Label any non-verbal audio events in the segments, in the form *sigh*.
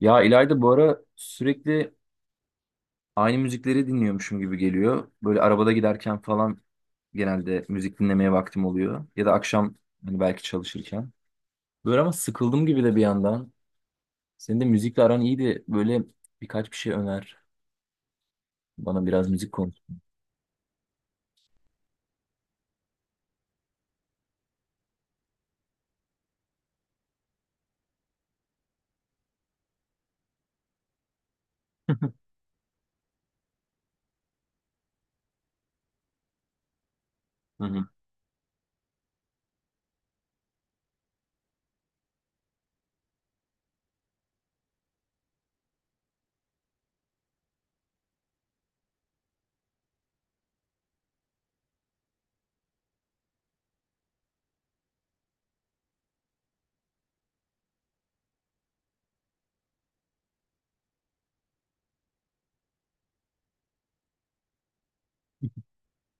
Ya İlayda bu ara sürekli aynı müzikleri dinliyormuşum gibi geliyor. Böyle arabada giderken falan genelde müzik dinlemeye vaktim oluyor. Ya da akşam hani belki çalışırken. Böyle ama sıkıldım gibi de bir yandan. Senin de müzikle aran iyiydi. Böyle birkaç bir şey öner. Bana biraz müzik konuş. Hı hı.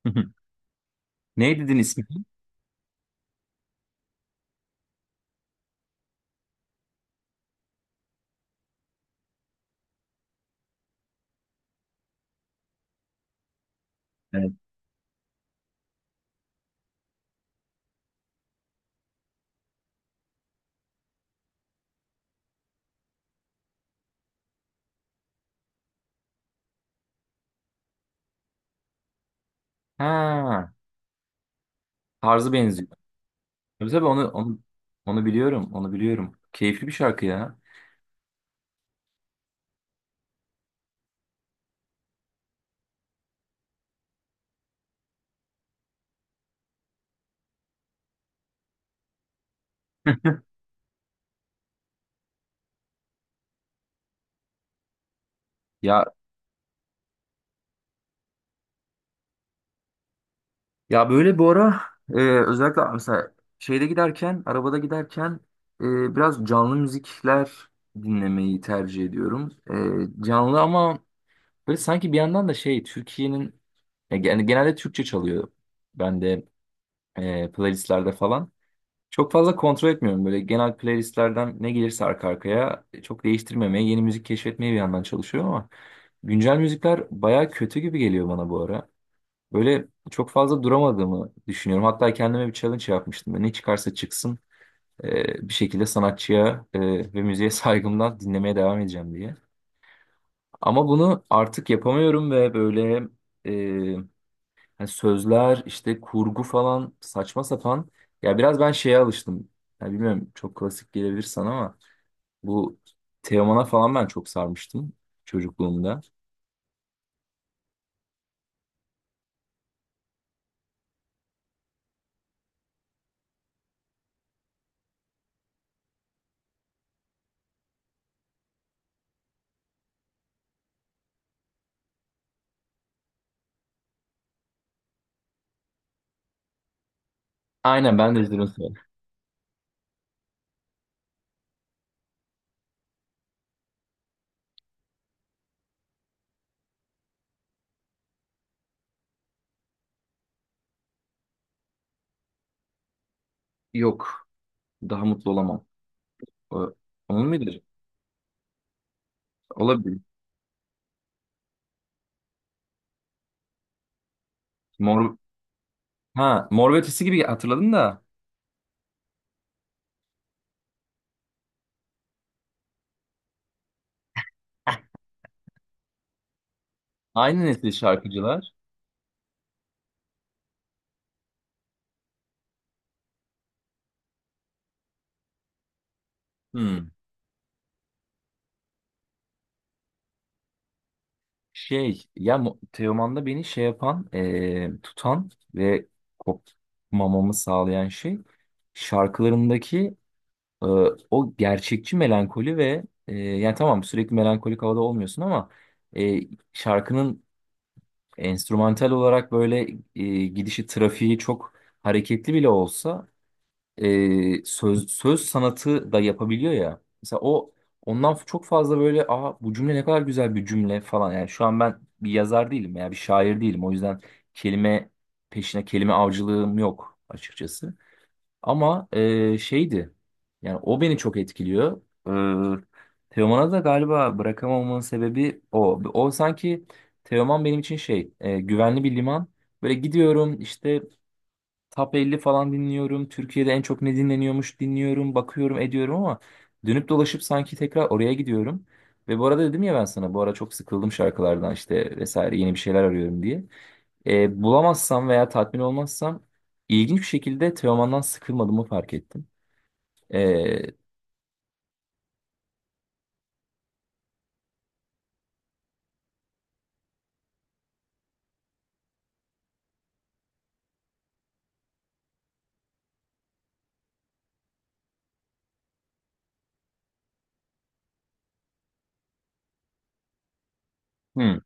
*laughs* Ne dedin ismi? Evet. Ha, tarzı benziyor. Tabii tabii onu biliyorum. Onu biliyorum. Keyifli bir şarkı ya. Ya Ya böyle bu ara, özellikle mesela şeyde giderken, arabada giderken, biraz canlı müzikler dinlemeyi tercih ediyorum. Canlı ama böyle sanki bir yandan da şey, Türkiye'nin ya genelde Türkçe çalıyor. Bende playlistlerde falan. Çok fazla kontrol etmiyorum. Böyle genel playlistlerden ne gelirse arka arkaya çok değiştirmemeye, yeni müzik keşfetmeye bir yandan çalışıyorum ama güncel müzikler baya kötü gibi geliyor bana bu ara. Böyle çok fazla duramadığımı düşünüyorum. Hatta kendime bir challenge yapmıştım. Ne çıkarsa çıksın bir şekilde sanatçıya ve müziğe *laughs* saygımdan dinlemeye devam edeceğim diye. Ama bunu artık yapamıyorum ve böyle e, hani sözler işte kurgu falan saçma sapan. Ya biraz ben şeye alıştım. Ya bilmiyorum, çok klasik gelebilir sana ama bu Teoman'a falan ben çok sarmıştım çocukluğumda. Aynen ben de izledim. Yok, daha mutlu olamam. O- Onun muydu? Olabilir. Mor, ha, Mor ve Ötesi gibi hatırladım da aynı nesil şarkıcılar. Hmm. Şey ya Teoman'da beni şey yapan, tutan ve kopmamamı sağlayan şey, şarkılarındaki eee, o gerçekçi melankoli ve yani tamam sürekli melankolik havada olmuyorsun ama şarkının enstrümantal olarak böyle gidişi trafiği çok hareketli bile olsa söz sanatı da yapabiliyor ya. Mesela o ondan çok fazla böyle, aa, bu cümle ne kadar güzel bir cümle falan. Yani şu an ben bir yazar değilim ya, bir şair değilim. O yüzden kelime peşine kelime avcılığım yok açıkçası. Ama şeydi, yani o beni çok etkiliyor. E, Teoman'a da galiba bırakamamamın sebebi o. O sanki Teoman benim için şey, güvenli bir liman. Böyle gidiyorum işte, Top 50 falan dinliyorum. Türkiye'de en çok ne dinleniyormuş dinliyorum, bakıyorum, ediyorum ama dönüp dolaşıp sanki tekrar oraya gidiyorum. Ve bu arada dedim ya, ben sana bu ara çok sıkıldım şarkılardan işte vesaire, yeni bir şeyler arıyorum diye. Bulamazsam veya tatmin olmazsam, ilginç bir şekilde Teoman'dan sıkılmadığımı fark ettim. E, hmm,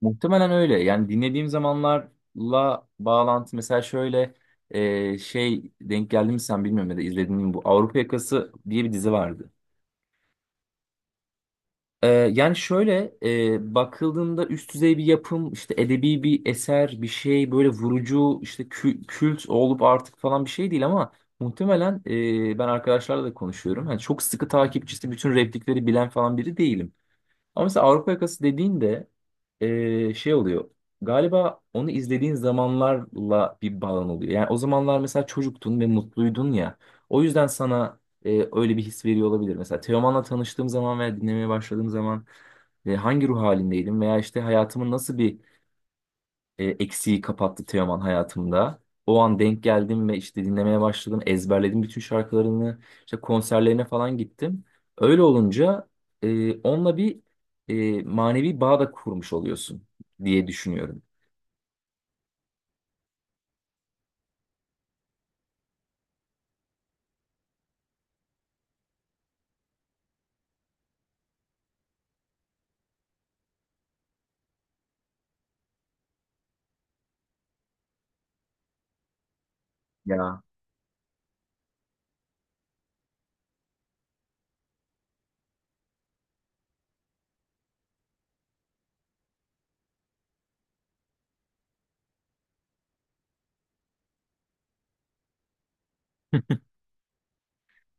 Muhtemelen öyle. Yani dinlediğim zamanlarla bağlantı, mesela şöyle şey, denk geldi mi sen bilmiyorum, ya da izledin mi, bu Avrupa Yakası diye bir dizi vardı. Yani şöyle bakıldığında üst düzey bir yapım, işte edebi bir eser, bir şey böyle vurucu işte kült olup artık falan bir şey değil ama muhtemelen ben arkadaşlarla da konuşuyorum. Yani çok sıkı takipçisi bütün replikleri bilen falan biri değilim. Ama mesela Avrupa Yakası dediğinde şey oluyor. Galiba onu izlediğin zamanlarla bir bağın oluyor. Yani o zamanlar mesela çocuktun ve mutluydun ya. O yüzden sana öyle bir his veriyor olabilir. Mesela Teoman'la tanıştığım zaman veya dinlemeye başladığım zaman hangi ruh halindeydim, veya işte hayatımın nasıl bir eksiği kapattı Teoman hayatımda. O an denk geldim ve işte dinlemeye başladım. Ezberledim bütün şarkılarını. İşte konserlerine falan gittim. Öyle olunca onunla bir manevi bağ da kurmuş oluyorsun diye düşünüyorum. Ya.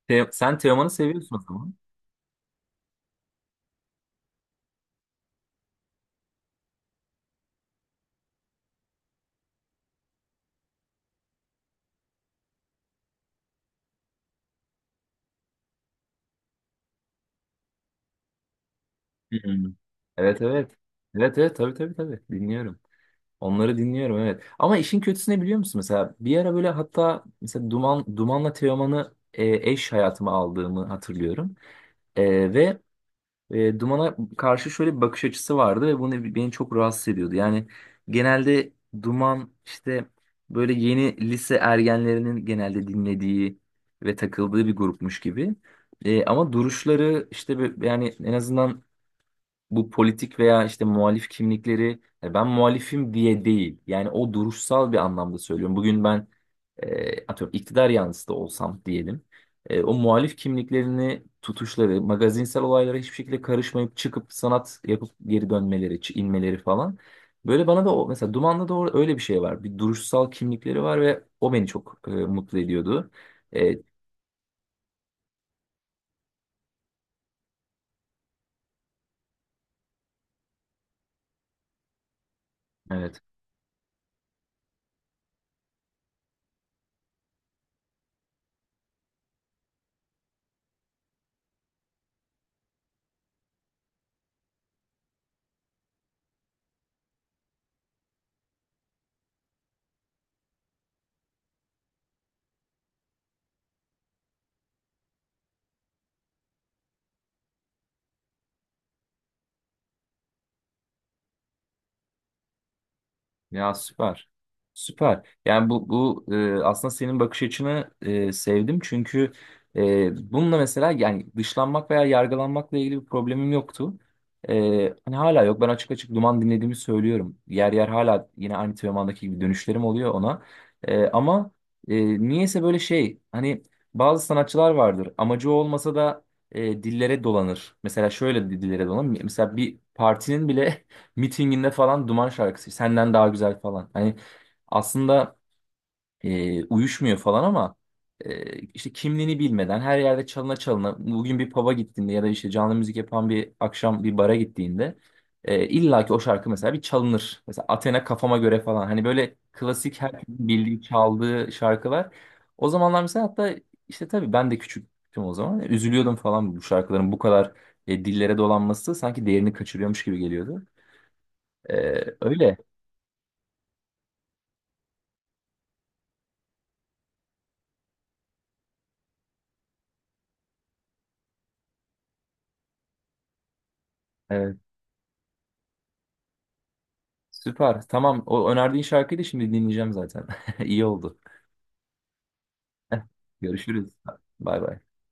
Sen Teoman'ı seviyorsun o zaman. Hmm. Evet evet. Evet evet, tabii tabii tabii dinliyorum. Onları dinliyorum, evet. Ama işin kötüsü ne biliyor musun? Mesela bir ara böyle, hatta mesela Duman'la Teoman'ı eş hayatıma aldığımı hatırlıyorum. Ve dumana karşı şöyle bir bakış açısı vardı ve bunu beni çok rahatsız ediyordu. Yani genelde duman işte böyle yeni lise ergenlerinin genelde dinlediği ve takıldığı bir grupmuş gibi. Ama duruşları işte yani en azından bu politik veya işte muhalif kimlikleri, yani ben muhalifim diye değil. Yani o duruşsal bir anlamda söylüyorum. Bugün ben atıyorum iktidar yanlısı da olsam diyelim. O muhalif kimliklerini tutuşları, magazinsel olaylara hiçbir şekilde karışmayıp çıkıp sanat yapıp geri dönmeleri, inmeleri falan. Böyle bana da o, mesela Duman'da da öyle bir şey var. Bir duruşsal kimlikleri var ve o beni çok mutlu ediyordu. E, evet. Ya süper. Süper. Yani bu aslında senin bakış açını sevdim çünkü bununla mesela, yani dışlanmak veya yargılanmakla ilgili bir problemim yoktu. Hani hala yok. Ben açık açık duman dinlediğimi söylüyorum. Yer yer hala yine aynı Teoman'daki gibi dönüşlerim oluyor ona. Ama e, niyeyse böyle şey, hani bazı sanatçılar vardır. Amacı olmasa da dillere dolanır. Mesela şöyle dillere dolanır. Mesela bir partinin bile *laughs* mitinginde falan Duman şarkısı senden daha güzel falan. Hani aslında uyuşmuyor falan ama işte kimliğini bilmeden her yerde çalına çalına, bugün bir pub'a gittiğinde ya da işte canlı müzik yapan bir akşam bir bara gittiğinde illa ki o şarkı mesela bir çalınır. Mesela Athena kafama göre falan. Hani böyle klasik herkesin bildiği çaldığı şarkılar. O zamanlar mesela, hatta işte tabii ben de küçüktüm o zaman. Üzülüyordum falan, bu şarkıların bu kadar dillere dolanması sanki değerini kaçırıyormuş gibi geliyordu. Öyle. Evet. Süper. Tamam. O önerdiğin şarkıyı da şimdi dinleyeceğim zaten. *laughs* İyi oldu. *laughs* Görüşürüz. Bay bay.